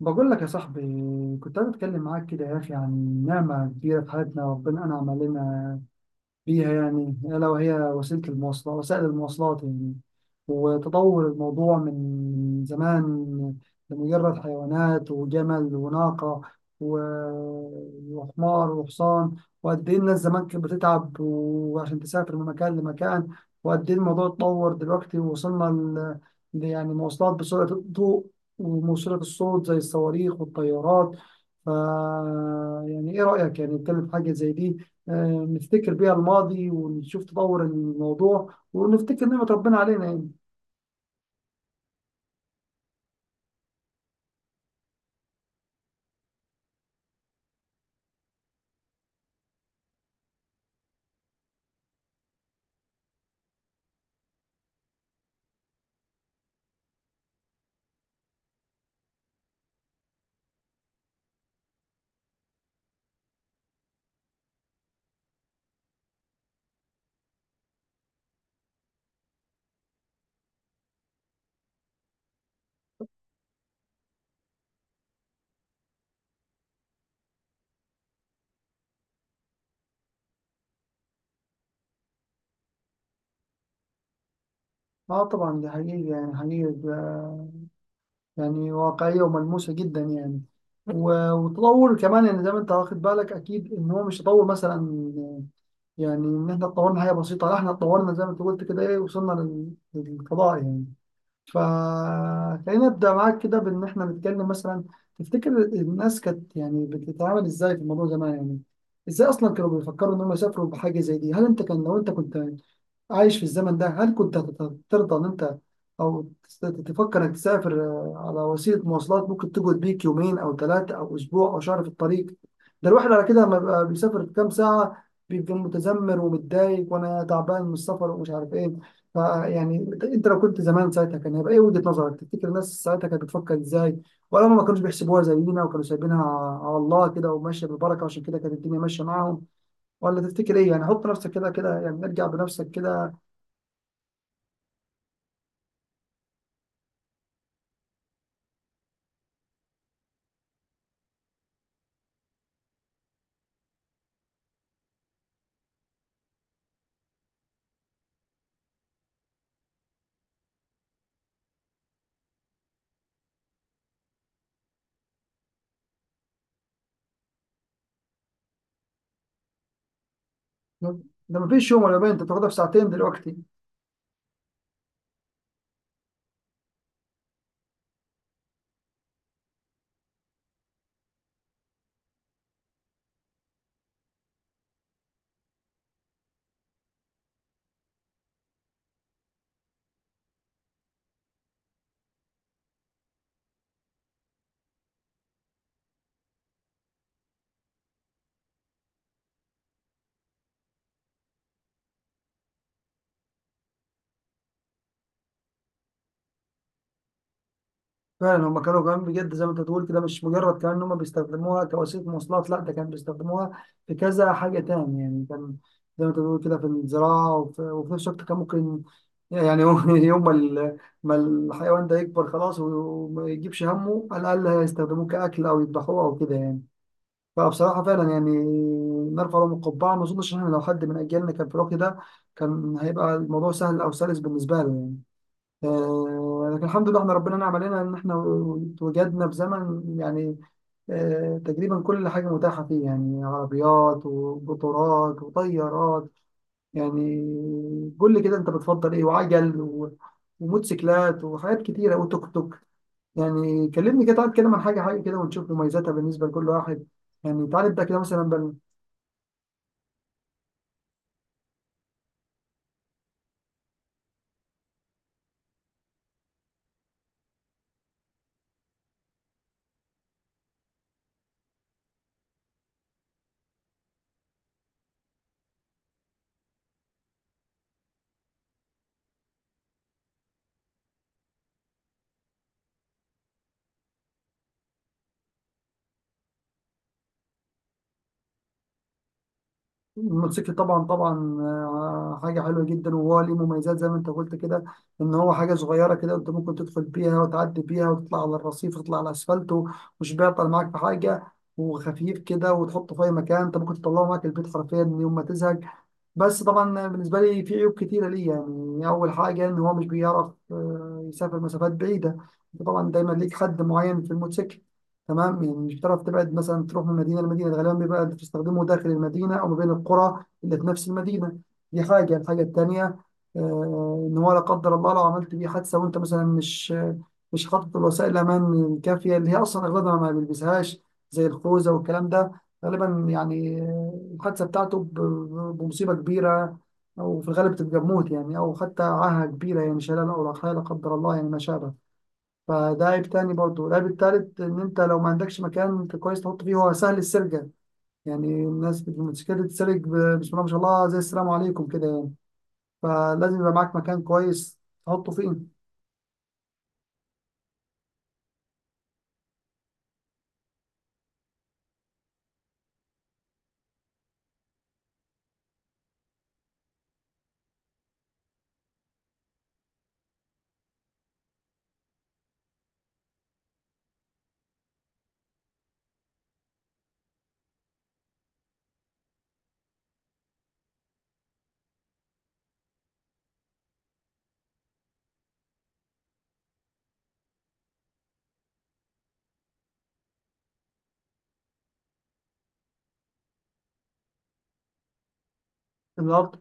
بقول لك يا صاحبي، كنت عايز اتكلم معاك كده يا اخي عن نعمه كبيره في حياتنا ربنا انعم علينا فيها، يعني ألا وهي وسيلة المواصلات، وسائل المواصلات يعني. وتطور الموضوع من زمان، لمجرد حيوانات وجمل وناقة و- وحمار وحصان. وقد إيه الناس زمان كانت بتتعب وعشان تسافر من مكان لمكان، وقد إيه الموضوع اتطور دلوقتي ووصلنا يعني مواصلات بسرعة الضوء وموصلة الصوت زي الصواريخ والطيارات. ف يعني إيه رأيك يعني نتكلم في حاجة زي دي، نفتكر بيها الماضي ونشوف تطور الموضوع ونفتكر نعمة ربنا علينا يعني. اه طبعا دي حقيقة يعني، حقيقة ده يعني واقعية وملموسة جدا يعني. و- وتطور كمان يعني زي ما انت واخد بالك اكيد ان هو مش تطور مثلا يعني ان احنا اتطورنا حاجة بسيطة، لا احنا اتطورنا زي ما انت قلت كده ايه وصلنا لل- للقضاء يعني. فخلينا نبدأ معاك كده بإن إحنا نتكلم مثلا، تفتكر الناس كانت يعني بتتعامل إزاي في الموضوع زمان يعني، إزاي أصلا كانوا بيفكروا إن هم يسافروا بحاجة زي دي؟ هل أنت كان لو أنت كنت عايش في الزمن ده هل كنت ترضى ان انت او تفكر انك تسافر على وسيله مواصلات ممكن تقعد بيك يومين او 3 او اسبوع او شهر في الطريق؟ ده الواحد على كده لما بيبقى بيسافر في كام ساعه بيبقى متذمر ومتضايق وانا تعبان من السفر ومش عارف ايه. فيعني انت، إنت لو كنت زمان ساعتها كان هيبقى ايه وجهه نظرك؟ تفتكر الناس ساعتها كانت بتفكر ازاي؟ ولا هم ما كانوش بيحسبوها زينا وكانوا سايبينها على الله كده وماشيه بالبركه عشان كده كانت الدنيا ماشيه معاهم؟ ولا تفتكر ايه يعني؟ حط نفسك كده كده يعني، ارجع بنفسك كده. ده مفيش يوم ولا يومين، انت بتاخدها في ساعتين دلوقتي. فعلا هم كانوا كمان بجد زي ما انت بتقول كده مش مجرد كمان ان هم بيستخدموها كوسيله مواصلات، لا ده كانوا بيستخدموها في كذا حاجه تاني يعني. كان زي ما انت بتقول كده في الزراعه وفي, وفي نفس الوقت كان ممكن يعني يوم يوم ما ال- ما الحيوان ده يكبر خلاص وما يجيبش همه على الاقل هيستخدموه كاكل او يذبحوه او كده يعني. فبصراحه فعلا يعني نرفع لهم القبعه، ما اظنش ان احنا لو حد من اجيالنا كان في الوقت ده كان هيبقى الموضوع سهل او سلس بالنسبه له يعني. لكن الحمد لله احنا ربنا نعم علينا ان احنا اتوجدنا في زمن يعني تقريبا كل حاجه متاحه فيه يعني عربيات وقطارات وطيارات يعني. قول لي كده انت بتفضل ايه، وعجل و- وموتوسيكلات وحاجات كتيره وتوك توك يعني. كلمني كده، تعال كده عن حاجه حاجه كده ونشوف مميزاتها بالنسبه لكل واحد يعني. تعال نبدا كده مثلا. الموتوسيكل طبعا طبعا، حاجة حلوة جدا وهو ليه مميزات زي ما انت قلت كده ان هو حاجة صغيرة كده انت ممكن تدخل بيها وتعدي بيها وتطلع على الرصيف وتطلع على الاسفلت و- ومش بيعطل معاك في حاجة، وخفيف كده وتحطه في اي مكان، انت ممكن تطلعه معاك البيت حرفيا يوم ما تزهق. بس طبعا بالنسبة لي في عيوب كتيرة ليه يعني. أول حاجة إن هو مش بيعرف يسافر مسافات بعيدة، أنت طبعا دايما ليك حد معين في الموتوسيكل، تمام؟ يعني مش بتعرف تبعد مثلا تروح من مدينة لمدينة، غالبا بيبقى بتستخدمه داخل المدينة أو ما بين القرى اللي في نفس المدينة. دي حاجة. الحاجة التانية إن هو لا قدر الله لو عملت بيه حادثة وأنت مثلا مش حاطط الوسائل الأمان الكافية، اللي هي أصلا أغلبها ما بيلبسهاش زي الخوذة والكلام ده، غالبا يعني الحادثة بتاعته ب- ب- بمصيبة كبيرة أو في الغالب بتبقى بموت يعني، أو حتى عاهة كبيرة يعني شلال أو لا قدر لا قدر الله يعني ما شابه. فده عيب تاني برضه. العيب التالت إن أنت لو ما عندكش مكان كويس تحط فيه هو سهل السرقة، يعني الناس بتتسرق ب- بسم الله ما شاء الله زي السلام عليكم كده يعني. فلازم يبقى معاك مكان كويس تحطه فيه. الأرض.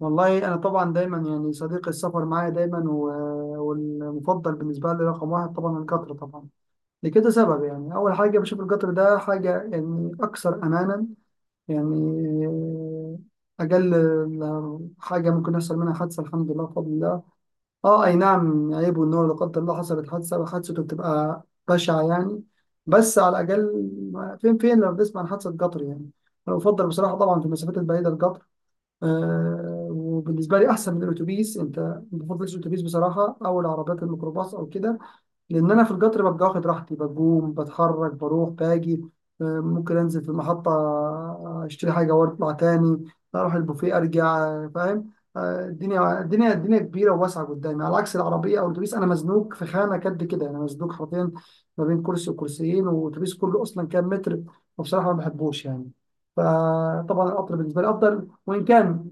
والله أنا طبعا دايما يعني صديق السفر معايا دايما، و- والمفضل بالنسبة لي رقم واحد طبعا القطر طبعا. لكده سبب يعني، أول حاجة بشوف القطر ده حاجة يعني أكثر أمانا يعني. أقل حاجة ممكن يحصل منها حادثة الحمد لله بفضل الله. أه أي نعم عيب والنور لا قدر الله حصلت حادثة وحادثته بتبقى بشعة يعني، بس على الأقل فين فين لو بنسمع عن حادثة قطر يعني. أنا بفضل بصراحة طبعا في المسافات البعيدة القطر. أه وبالنسبة لي أحسن من الأتوبيس، أنت ما بفضلش الأتوبيس بصراحة، أو العربيات الميكروباص أو كده. لان انا في القطر ببقى واخد راحتي، بقوم بتحرك بروح باجي، ممكن انزل في المحطه اشتري حاجه واطلع تاني، اروح البوفيه ارجع، فاهم؟ الدنيا الدنيا الدنيا كبيره وواسعه قدامي، على عكس العربيه او الاتوبيس انا مزنوق في خانه قد كده، انا مزنوق حرفيا ما بين كرسي وكرسيين، والاتوبيس كله اصلا كام متر. وبصراحه ما بحبوش يعني. فطبعا القطر بالنسبه لي افضل، وان كان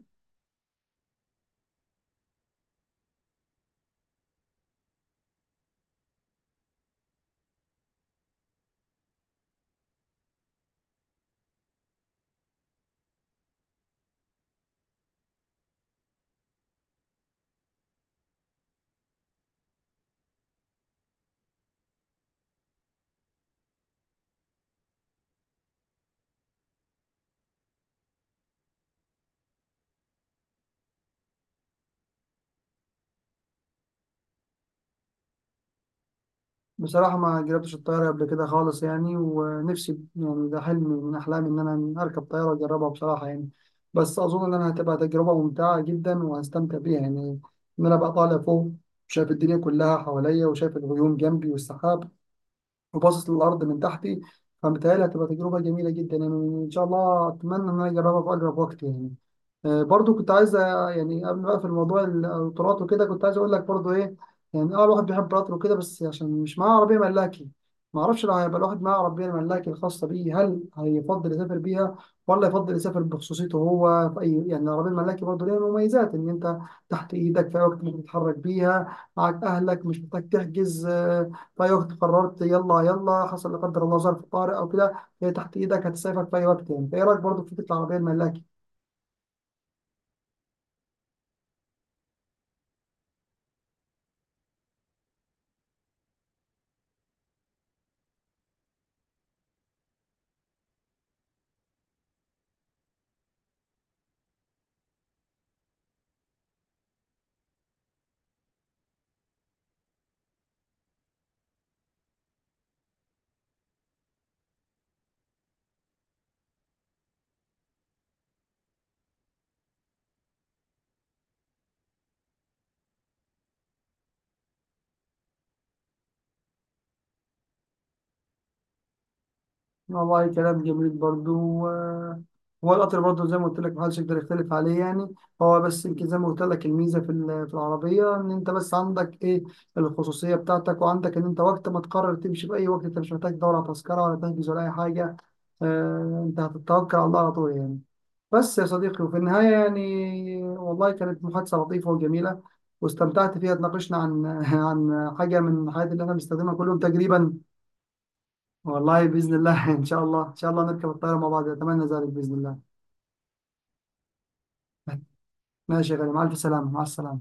بصراحة ما جربتش الطيارة قبل كده خالص يعني، ونفسي يعني ده حلم من أحلامي إن أنا أركب طيارة أجربها بصراحة يعني. بس أظن إن أنا هتبقى تجربة ممتعة جدا وهستمتع بيها يعني، إن أنا بقى طالع فوق شايف الدنيا كلها حواليا وشايف الغيوم جنبي والسحاب وباصص للأرض من تحتي، فمتهيألي هتبقى تجربة جميلة جدا يعني. إن شاء الله أتمنى إن أنا أجربها في أقرب وقت يعني. برضو كنت عايز يعني قبل ما اقفل موضوع القطارات وكده كنت عايز اقول لك برضو ايه يعني. اه الواحد بيحب قطر وكده بس عشان مش معاه عربيه ملاكي، ما اعرفش لو هيبقى الواحد معاه عربيه ملاكي الخاصه بيه هل هيفضل يسافر بيها ولا يفضل يسافر بخصوصيته هو في اي يعني. العربيه الملاكي برضو ليها مميزات ان انت تحت ايدك في اي وقت ممكن تتحرك بيها، معاك اهلك مش محتاج تحجز، في اي وقت قررت يلا يلا حصل لا قدر الله ظرف طارئ او كده هي تحت ايدك هتسافر في اي وقت يعني. فايه رايك برضو في فكره العربيه الملاكي؟ والله كلام جميل برضو، هو القطر برضو زي ما قلت لك محدش يقدر يختلف عليه يعني. هو بس يمكن زي ما قلت لك الميزة في ال- في العربية إن أنت بس عندك إيه، الخصوصية بتاعتك، وعندك إن أنت وقت ما تقرر تمشي في أي وقت أنت مش محتاج تدور على تذكرة ولا تحجز ولا أي حاجة، أنت هتتوكل على الله على طول يعني. بس يا صديقي وفي النهاية يعني والله كانت محادثة لطيفة وجميلة واستمتعت فيها، اتناقشنا عن عن حاجة من الحاجات اللي احنا بنستخدمها كل يوم تقريبا. والله باذن الله ان شاء الله ان شاء الله نركب الطياره مع بعض، اتمنى ذلك باذن الله. ماشي يا غالي، مع الف سلامه، مع السلامه.